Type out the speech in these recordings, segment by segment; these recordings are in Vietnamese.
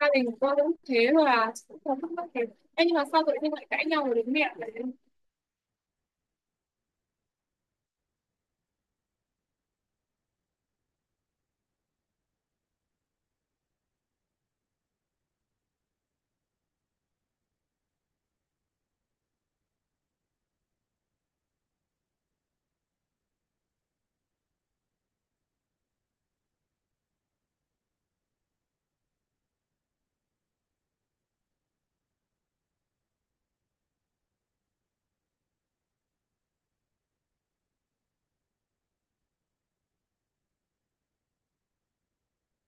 Gia đình của tôi cũng thế thôi à, cũng không thắc mắc thế. Ê, nhưng mà sao tự nhiên lại cãi nhau với bố mẹ vậy?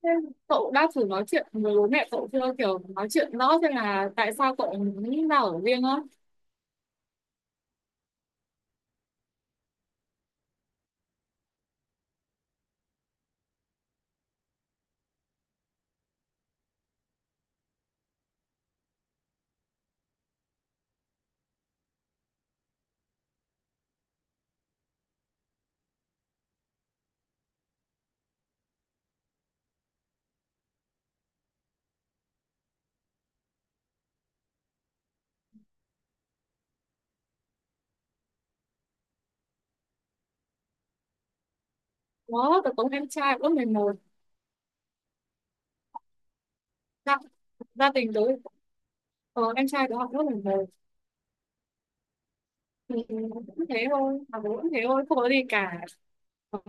Thế cậu đã thử nói chuyện với bố mẹ cậu chưa, kiểu nói chuyện rõ xem là tại sao cậu muốn ra ở riêng á? Đó, tớ có em trai lớp 11. gia, Gia đình tớ, ờ, em trai tớ học lớp 11 thì cũng thế thôi, mà bố cũng thế thôi, không có gì cả. ờ,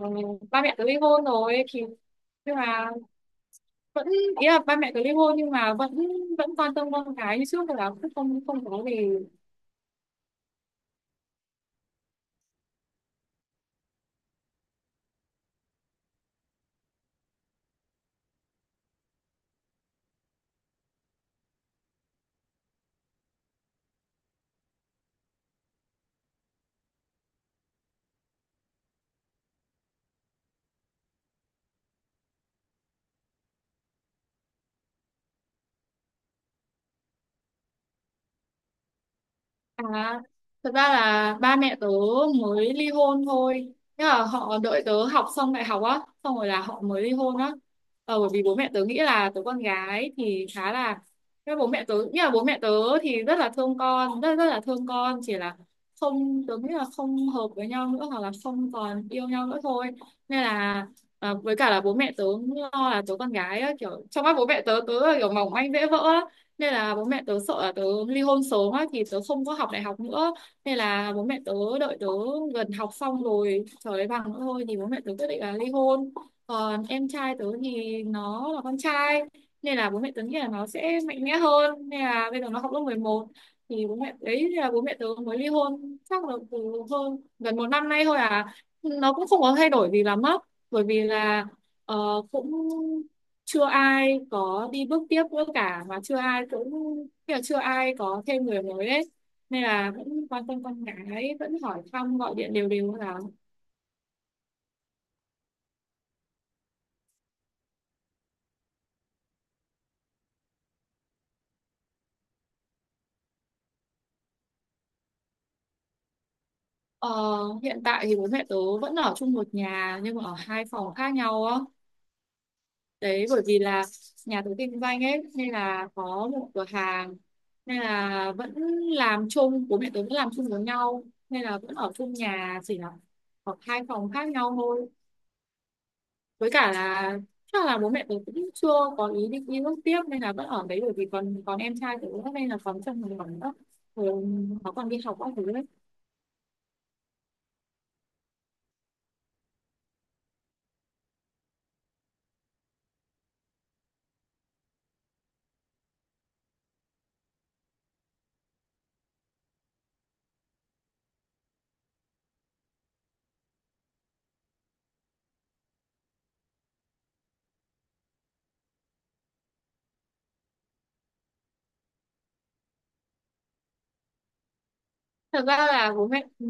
Ba mẹ tớ ly hôn rồi thì nhưng mà vẫn, ý là ba mẹ tớ ly hôn nhưng mà vẫn, vẫn quan tâm con cái như trước, là cũng không không có gì. À, thật ra là ba mẹ tớ mới ly hôn thôi. Thế là họ đợi tớ học xong đại học á, xong rồi là họ mới ly hôn á. Ờ, bởi vì bố mẹ tớ nghĩ là tớ con gái thì khá là... Thế bố mẹ tớ, nghĩa là bố mẹ tớ thì rất là thương con, rất rất là thương con, chỉ là không, tớ nghĩ là không hợp với nhau nữa hoặc là không còn yêu nhau nữa thôi. Nên là à, với cả là bố mẹ tớ lo là tớ con gái á, kiểu trong mắt bố mẹ tớ, tớ là kiểu mỏng manh dễ vỡ, nên là bố mẹ tớ sợ là tớ ly hôn sớm á thì tớ không có học đại học nữa, nên là bố mẹ tớ đợi tớ gần học xong rồi trở lấy bằng nữa thôi thì bố mẹ tớ quyết định là ly hôn. Còn em trai tớ thì nó là con trai, nên là bố mẹ tớ nghĩ là nó sẽ mạnh mẽ hơn, nên là bây giờ nó học lớp mười một. Thì bố mẹ đấy, là bố mẹ tớ mới ly hôn chắc là từ hơn gần một năm nay thôi à. Nó cũng không có thay đổi gì lắm á, bởi vì là ờ, cũng chưa ai có đi bước tiếp nữa cả, và chưa ai cũng kiểu chưa ai có thêm người mới đấy, nên là vẫn quan tâm con gái, vẫn hỏi thăm gọi điện đều đều là. Ờ, hiện tại thì bố mẹ tớ vẫn ở chung một nhà nhưng mà ở hai phòng khác nhau á. Đấy, bởi vì là nhà tớ kinh doanh ấy nên là có một cửa hàng, nên là vẫn làm chung, bố mẹ tớ vẫn làm chung với nhau, nên là vẫn ở chung nhà, chỉ là ở hai phòng khác nhau thôi. Với cả là chắc là bố mẹ tớ cũng chưa có ý định đi nước tiếp, nên là vẫn ở đấy, bởi vì còn còn em trai tớ nữa nên là còn trong một khoảng nữa, rồi nó còn đi học các thứ đấy. Thật ra là bố mẹ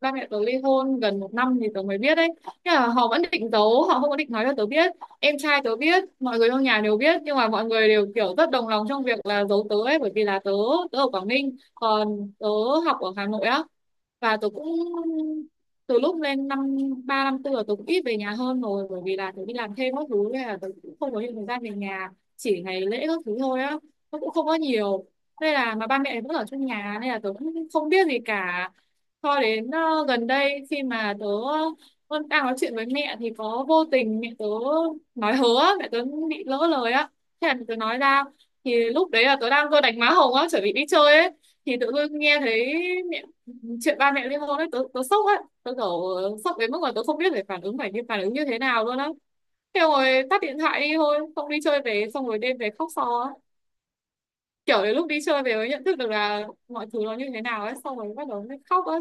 ba mẹ tớ ly hôn gần một năm thì tớ mới biết đấy. Nhưng mà họ vẫn định giấu, họ không có định nói cho tớ biết. Em trai tớ biết, mọi người trong nhà đều biết, nhưng mà mọi người đều kiểu rất đồng lòng trong việc là giấu tớ ấy, bởi vì là tớ tớ ở Quảng Ninh, còn tớ học ở Hà Nội á. Và tôi cũng từ lúc lên năm ba năm tư là tôi cũng ít về nhà hơn rồi, bởi vì là tôi đi làm thêm các thứ nên là tôi cũng không có nhiều thời gian về nhà, chỉ ngày lễ các thứ thôi á, nó cũng không có nhiều. Nên là mà ba mẹ vẫn ở trong nhà nên là tôi cũng không biết gì cả, cho đến gần đây khi mà tớ vẫn đang nói chuyện với mẹ thì có vô tình mẹ tớ nói hớ á, mẹ tớ bị lỡ lời á, thế là mẹ tớ nói ra. Thì lúc đấy là tớ đang vừa đánh má hồng á, chuẩn bị đi chơi ấy, thì tự dưng nghe thấy chuyện ba mẹ ly hôn ấy, tớ sốc ấy. Tớ kiểu sốc đến mức mà tớ không biết phải phản ứng như thế nào luôn á. Thế rồi tắt điện thoại đi thôi, không đi chơi về, xong rồi đêm về khóc so á. Kiểu đến lúc đi chơi về mới nhận thức được là mọi thứ nó như thế nào ấy, xong rồi bắt đầu mới khóc á.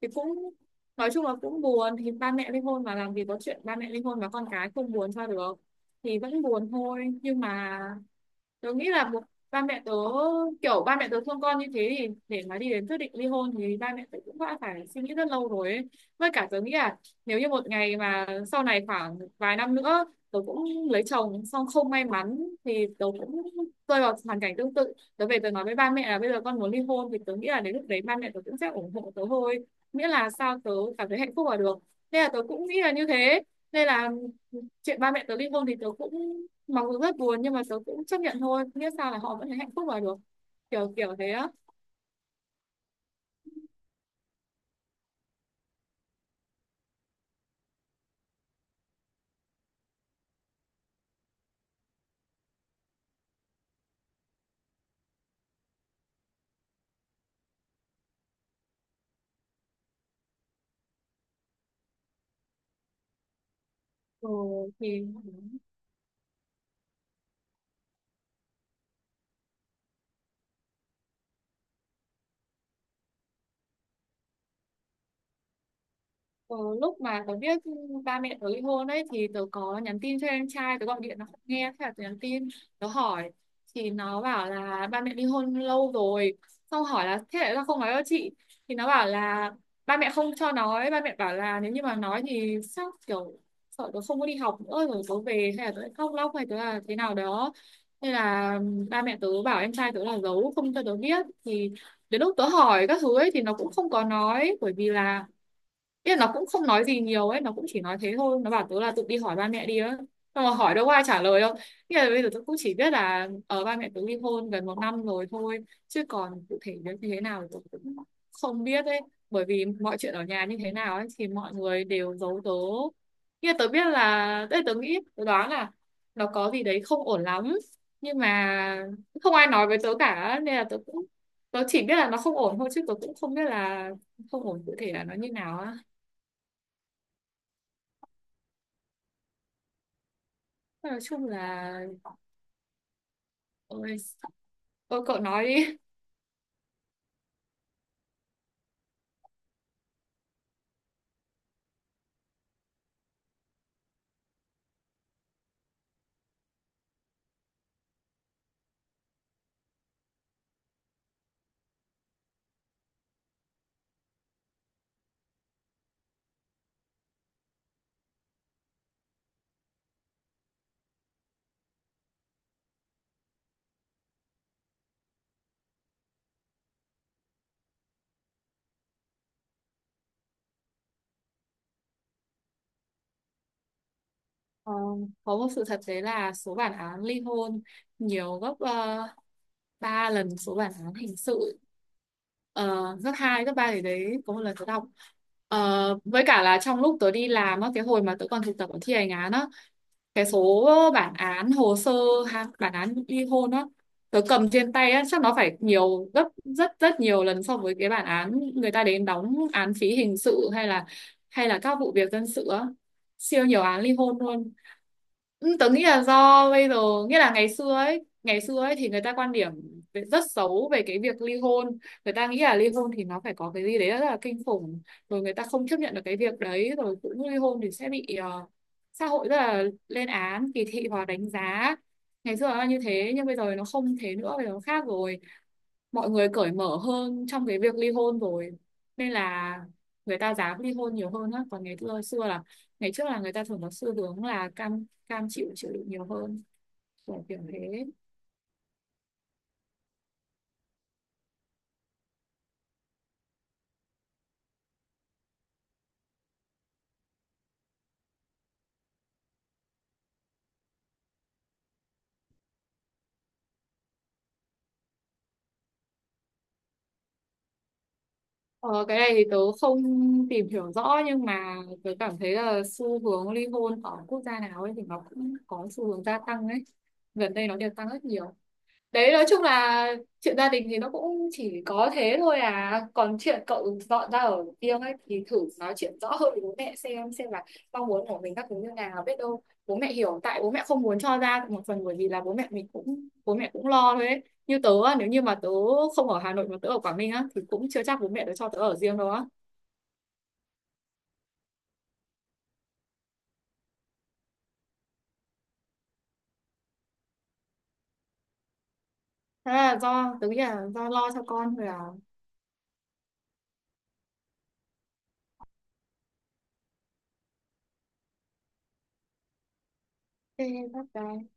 Thì cũng nói chung là cũng buồn, thì ba mẹ ly hôn mà làm gì có chuyện ba mẹ ly hôn và con cái không buồn cho được. Thì vẫn buồn thôi, nhưng mà tớ nghĩ là một ba mẹ tớ, kiểu ba mẹ tớ thương con như thế, thì để mà đi đến quyết định ly hôn thì ba mẹ tớ cũng đã phải suy nghĩ rất lâu rồi ấy. Với cả tớ nghĩ là nếu như một ngày mà sau này khoảng vài năm nữa tớ cũng lấy chồng xong không may mắn, thì tớ cũng rơi vào hoàn cảnh tương tự, tớ về tớ nói với ba mẹ là bây giờ con muốn ly hôn, thì tớ nghĩ là đến lúc đấy ba mẹ tớ cũng sẽ ủng hộ tớ thôi, miễn là sao tớ cảm thấy hạnh phúc là được. Nên là tớ cũng nghĩ là như thế, nên là chuyện ba mẹ tớ ly hôn thì tớ cũng mặc dù rất buồn, nhưng mà tớ cũng chấp nhận thôi, biết sao, là họ vẫn thấy hạnh phúc là được, kiểu kiểu thế á. Ừ, thì Ờ, lúc mà tớ biết ba mẹ tớ ly hôn ấy thì tớ có nhắn tin cho em trai tớ, gọi điện nó không nghe, thế là tớ nhắn tin, tớ hỏi. Thì nó bảo là ba mẹ ly hôn lâu rồi. Xong hỏi là thế tại sao không nói với chị, thì nó bảo là ba mẹ không cho nói, ba mẹ bảo là nếu như mà nói thì sao, kiểu sợ tớ không có đi học nữa rồi tớ về, hay là tớ lại khóc lóc, hay tớ là thế nào đó. Nên là ba mẹ tớ bảo em trai tớ là giấu không cho tớ biết. Thì đến lúc tớ hỏi các thứ ấy thì nó cũng không có nói, bởi vì là ý là nó cũng không nói gì nhiều ấy, nó cũng chỉ nói thế thôi, nó bảo tớ là tự đi hỏi ba mẹ đi á, xong rồi hỏi đâu có ai trả lời đâu. Ý là bây giờ tớ cũng chỉ biết là ở ba mẹ tớ ly hôn gần một năm rồi thôi, chứ còn cụ thể đến như thế nào thì tớ cũng không biết ấy, bởi vì mọi chuyện ở nhà như thế nào ấy thì mọi người đều giấu tớ. Ý là tớ biết là tớ nghĩ tớ đoán là nó có gì đấy không ổn lắm, nhưng mà không ai nói với tớ cả, nên là tớ cũng tớ chỉ biết là nó không ổn thôi, chứ tớ cũng không biết là không ổn cụ thể là nó như nào á. Nói chung là ôi, ôi cậu nói đi. Ờ, có một sự thật đấy là số bản án ly hôn nhiều gấp 3 lần số bản án hình sự, uh, gấp 2, gấp 3. Thì đấy có một lần tớ đọc. Ờ, với cả là trong lúc tớ đi làm á, cái hồi mà tớ còn thực tập ở thi hành án á, cái số bản án hồ sơ, ha, bản án ly hôn á tớ cầm trên tay á, chắc nó phải nhiều gấp rất rất nhiều lần so với cái bản án người ta đến đóng án phí hình sự, hay là các vụ việc dân sự á, siêu nhiều án ly hôn luôn. Ừ, tớ nghĩ là do bây giờ, nghĩa là ngày xưa ấy thì người ta quan điểm rất xấu về cái việc ly hôn. Người ta nghĩ là ly hôn thì nó phải có cái gì đấy rất là kinh khủng, rồi người ta không chấp nhận được cái việc đấy, rồi cũng ly hôn thì sẽ bị xã hội rất là lên án, kỳ thị và đánh giá. Ngày xưa là như thế, nhưng bây giờ nó không thế nữa, bây giờ nó khác rồi, mọi người cởi mở hơn trong cái việc ly hôn rồi, nên là người ta dám ly hôn nhiều hơn á. Còn ngày xưa xưa là ngày trước là người ta thường có xu hướng là cam cam chịu chịu đựng nhiều hơn, kiểu kiểu thế. Ờ, cái này thì tớ không tìm hiểu rõ, nhưng mà tớ cảm thấy là xu hướng ly hôn ở quốc gia nào ấy thì nó cũng có xu hướng gia tăng ấy, gần đây nó đều tăng rất nhiều. Đấy, nói chung là chuyện gia đình thì nó cũng chỉ có thế thôi à. Còn chuyện cậu dọn ra ở riêng ấy thì thử nói chuyện rõ hơn với bố mẹ xem là mong muốn của mình các thứ như nào, biết đâu bố mẹ hiểu. Tại bố mẹ không muốn cho ra một phần bởi vì là bố mẹ mình cũng bố mẹ cũng lo thôi ấy, như tớ á, nếu như mà tớ không ở Hà Nội mà tớ ở Quảng Ninh á thì cũng chưa chắc bố mẹ tớ cho tớ ở riêng đâu á. Thế là do tớ nghĩ là do lo cho con rồi à. Thế bye bye.